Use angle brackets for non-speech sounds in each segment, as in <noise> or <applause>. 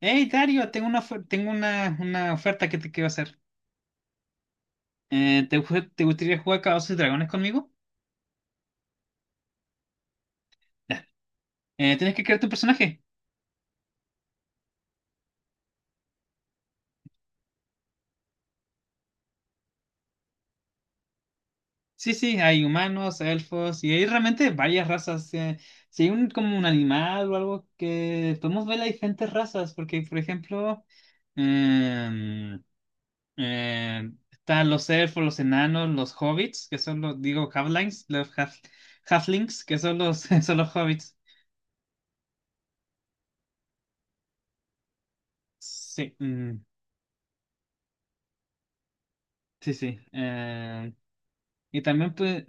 Hey, Dario, tengo tengo una oferta que te quiero hacer. Te gustaría jugar Calabozos y Dragones conmigo? Ya. Tienes que crear tu personaje. Sí, sí, hay humanos, elfos y hay realmente varias razas. Si hay un, como un animal o algo que podemos ver las diferentes razas, porque por ejemplo, em, están los elfos, los enanos, los hobbits, que son los, digo, halflings, halflings, que son los, <laughs> son los hobbits. Sí, mm, sí, sí. Y también, pues,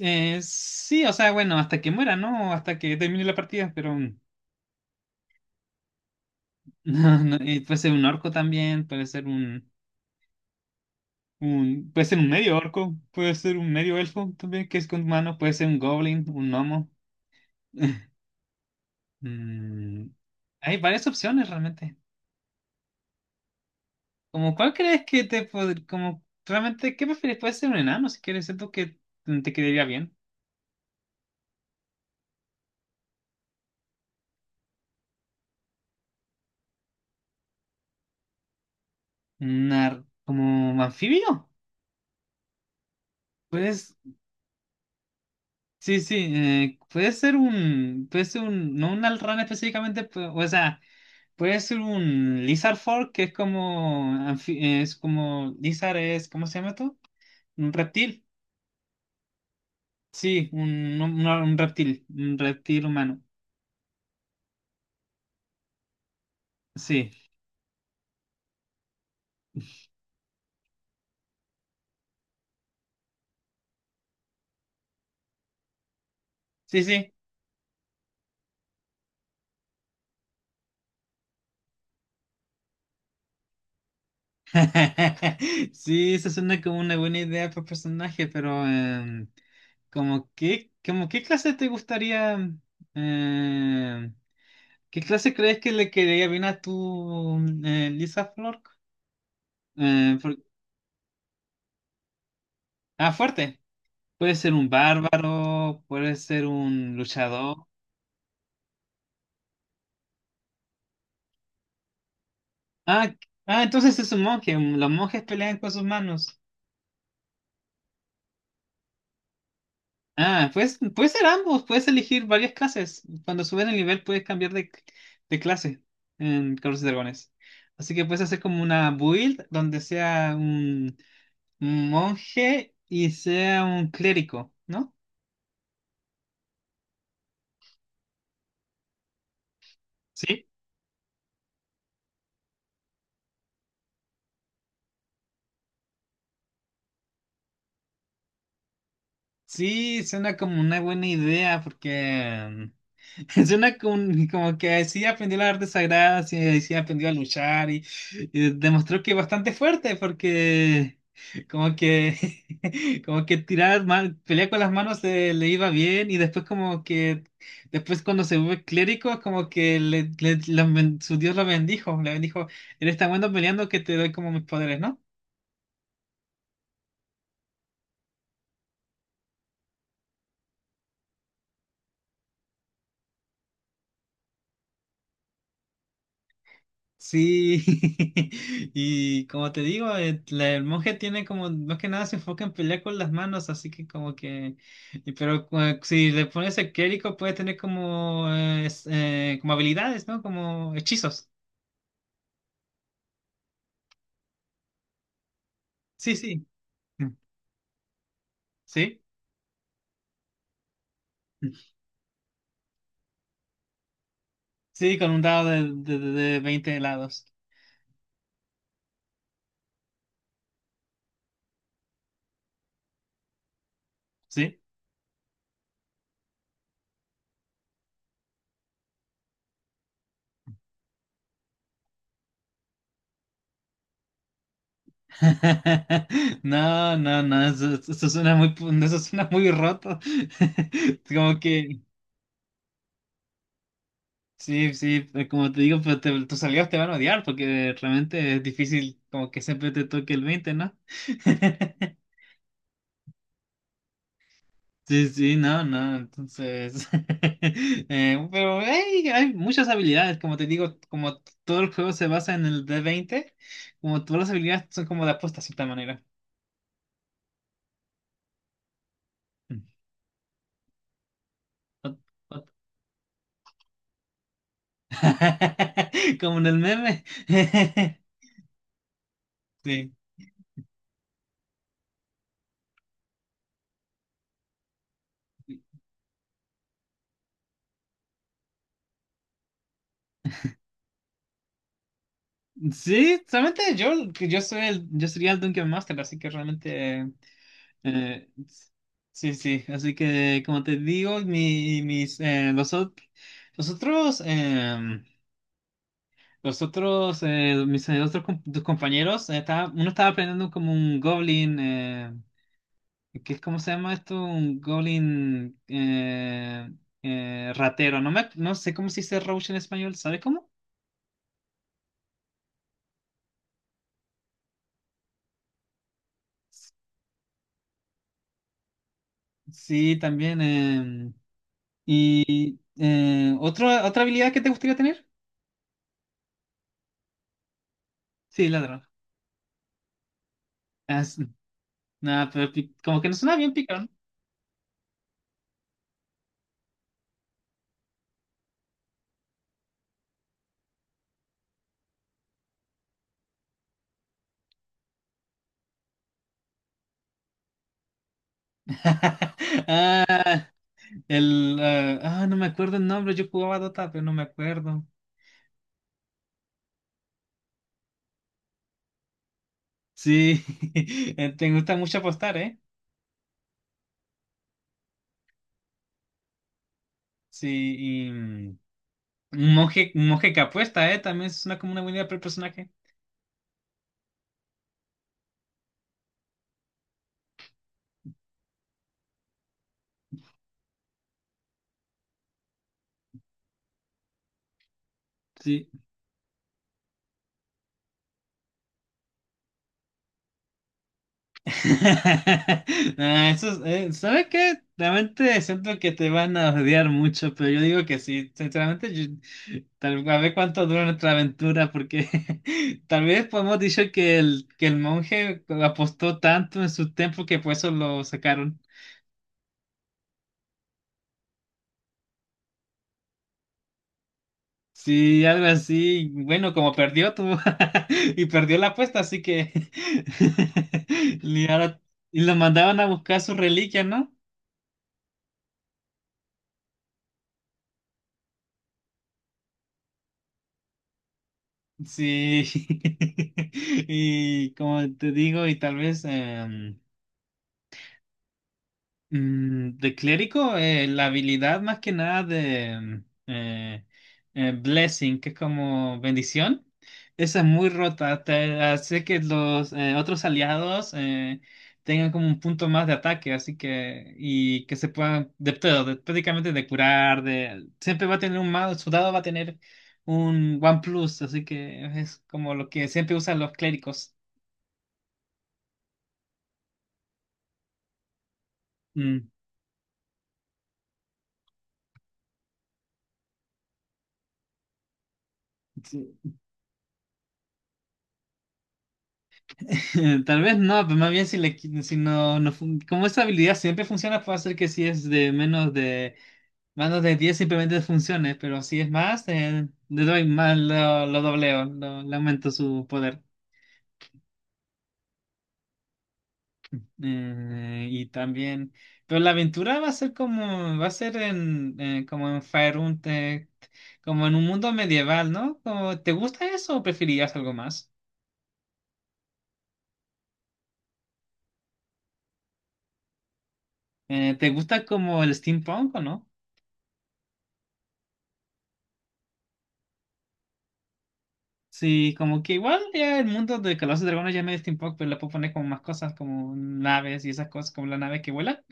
sí, o sea, bueno, hasta que muera, ¿no? O hasta que termine la partida, pero <laughs> no, no, puede ser un orco también, puede ser un medio orco, puede ser un medio elfo también, que es con humanos, puede ser un goblin, un gnomo. <laughs> Mm, hay varias opciones realmente. Como, ¿cuál crees que te pod- como, realmente, qué prefieres? Puede ser un enano, si quieres, siento que te quedaría bien. Como anfibio. Pues sí, sí, no un Alran específicamente, o sea, puede ser un Lizard Folk, que es como, es como, Lizard es, ¿cómo se llama esto? Un reptil, sí, un reptil humano, sí, sí, sí. <laughs> Sí, eso suena como una buena idea para personaje, pero como qué clase te gustaría, em, ¿qué clase crees que le quedaría bien a tu Lisa Flork? Eh, por- ah, fuerte. Puede ser un bárbaro, puede ser un luchador. Ah, ah, entonces es un monje. Los monjes pelean con sus manos. Ah, pues puede ser ambos, puedes elegir varias clases. Cuando subes de nivel puedes cambiar de clase en Carlos y Dragones. Así que puedes hacer como una build donde sea un monje y sea un clérigo, ¿no? ¿Sí? Sí, suena como una buena idea porque <laughs> suena como, como que sí aprendió la arte sagrada, sí, sí aprendió a luchar y demostró que es bastante fuerte porque como que <laughs> como que tirar mal, pelear con las manos le iba bien y después como que después cuando se vuelve clérigo como que su Dios lo bendijo, le bendijo, eres tan bueno peleando que te doy como mis poderes, ¿no? Sí, <laughs> y como te digo, el monje tiene como, más que nada se enfoca en pelear con las manos, así que como que, y pero si le pones el clérigo puede tener como, como habilidades, ¿no? Como hechizos. Sí, sí. Mm. Sí, sí, con un dado de 20 helados. Sí. <laughs> No, no, no, eso suena muy, eso suena muy roto. <laughs> Como que... Sí, sí, como te digo, pues, tus amigos te van a odiar porque realmente es difícil como que siempre te toque el 20, ¿no? <laughs> Sí, sí, no, no, entonces, <laughs> pero hey, hay muchas habilidades, como te digo, todo el juego se basa en el D20, como todas las habilidades son como de apuesta, de cierta manera. Mm. Ot- ot- <laughs> Como en el meme. <laughs> Sí. Sí, solamente yo, que yo soy el, yo sería el Dungeon Master, así que realmente, eh, sí, sí, así que como te digo, mis, los otros, mis tus compañeros, uno estaba aprendiendo como un goblin, que es cómo se llama esto, un goblin ratero, no sé cómo se dice roach en español, ¿sabes cómo? Sí, también. ¿Y otra habilidad que te gustaría tener? Sí, ladrón. Ah, s- Nada, pero como que no suena bien picarón. <laughs> Ah, el, ah, no me acuerdo el nombre, yo jugaba Dota, pero no me acuerdo. Sí, <laughs> te gusta mucho apostar, ¿eh? Sí, y un monje que apuesta, ¿eh? También suena como una buena idea para el personaje. Sí. <laughs> Ah, ¿sabes qué? Realmente siento que te van a odiar mucho, pero yo digo que sí. Sinceramente, tal, a ver cuánto dura nuestra aventura, porque <laughs> tal vez podemos dicho que que el monje apostó tanto en su templo que por eso lo sacaron. Sí, algo así. Bueno, como perdió <laughs> y perdió la apuesta, así que <laughs> y ahora- y lo mandaban a buscar su reliquia, ¿no? Sí, <laughs> y como te digo, y tal vez mm, de clérigo, la habilidad más que nada de blessing, que es como bendición, esa es muy rota, te hace que los otros aliados tengan como un punto más de ataque, así que, y que se puedan, de todo, prácticamente de curar, de, siempre va a tener un más, su dado va a tener un one plus, así que es como lo que siempre usan los clérigos. Mm. Sí. <laughs> Tal vez no, pero más bien si, si no, como esa habilidad siempre funciona, puede hacer que si es de menos de 10 simplemente funcione, pero si es más, le doy más, lo dobleo, le aumento su poder. Eh, y también, pero la aventura va a ser como, va a ser en, como en Faerun, como en un mundo medieval, ¿no? Como, ¿te gusta eso o preferirías algo más? ¿Te gusta como el steampunk o no? Sí, como que igual ya el mundo de Calabozos y Dragones ya medio steampunk, pero le puedo poner como más cosas como naves y esas cosas, como la nave que vuela.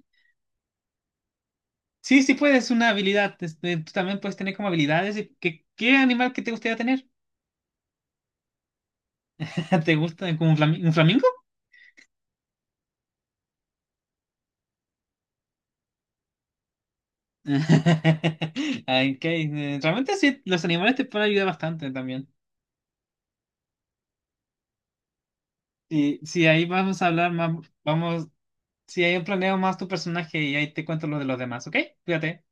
Sí, sí puedes, una habilidad. Este, tú también puedes tener como habilidades. Y ¿qué, qué animal que te gustaría tener? <laughs> ¿Te gusta como un, un flamingo? <laughs> Ay, ok, realmente sí, los animales te pueden ayudar bastante también. Y sí, ahí vamos a hablar más, vamos, si ahí planeo más tu personaje y ahí te cuento lo de los demás, ¿ok? Cuídate.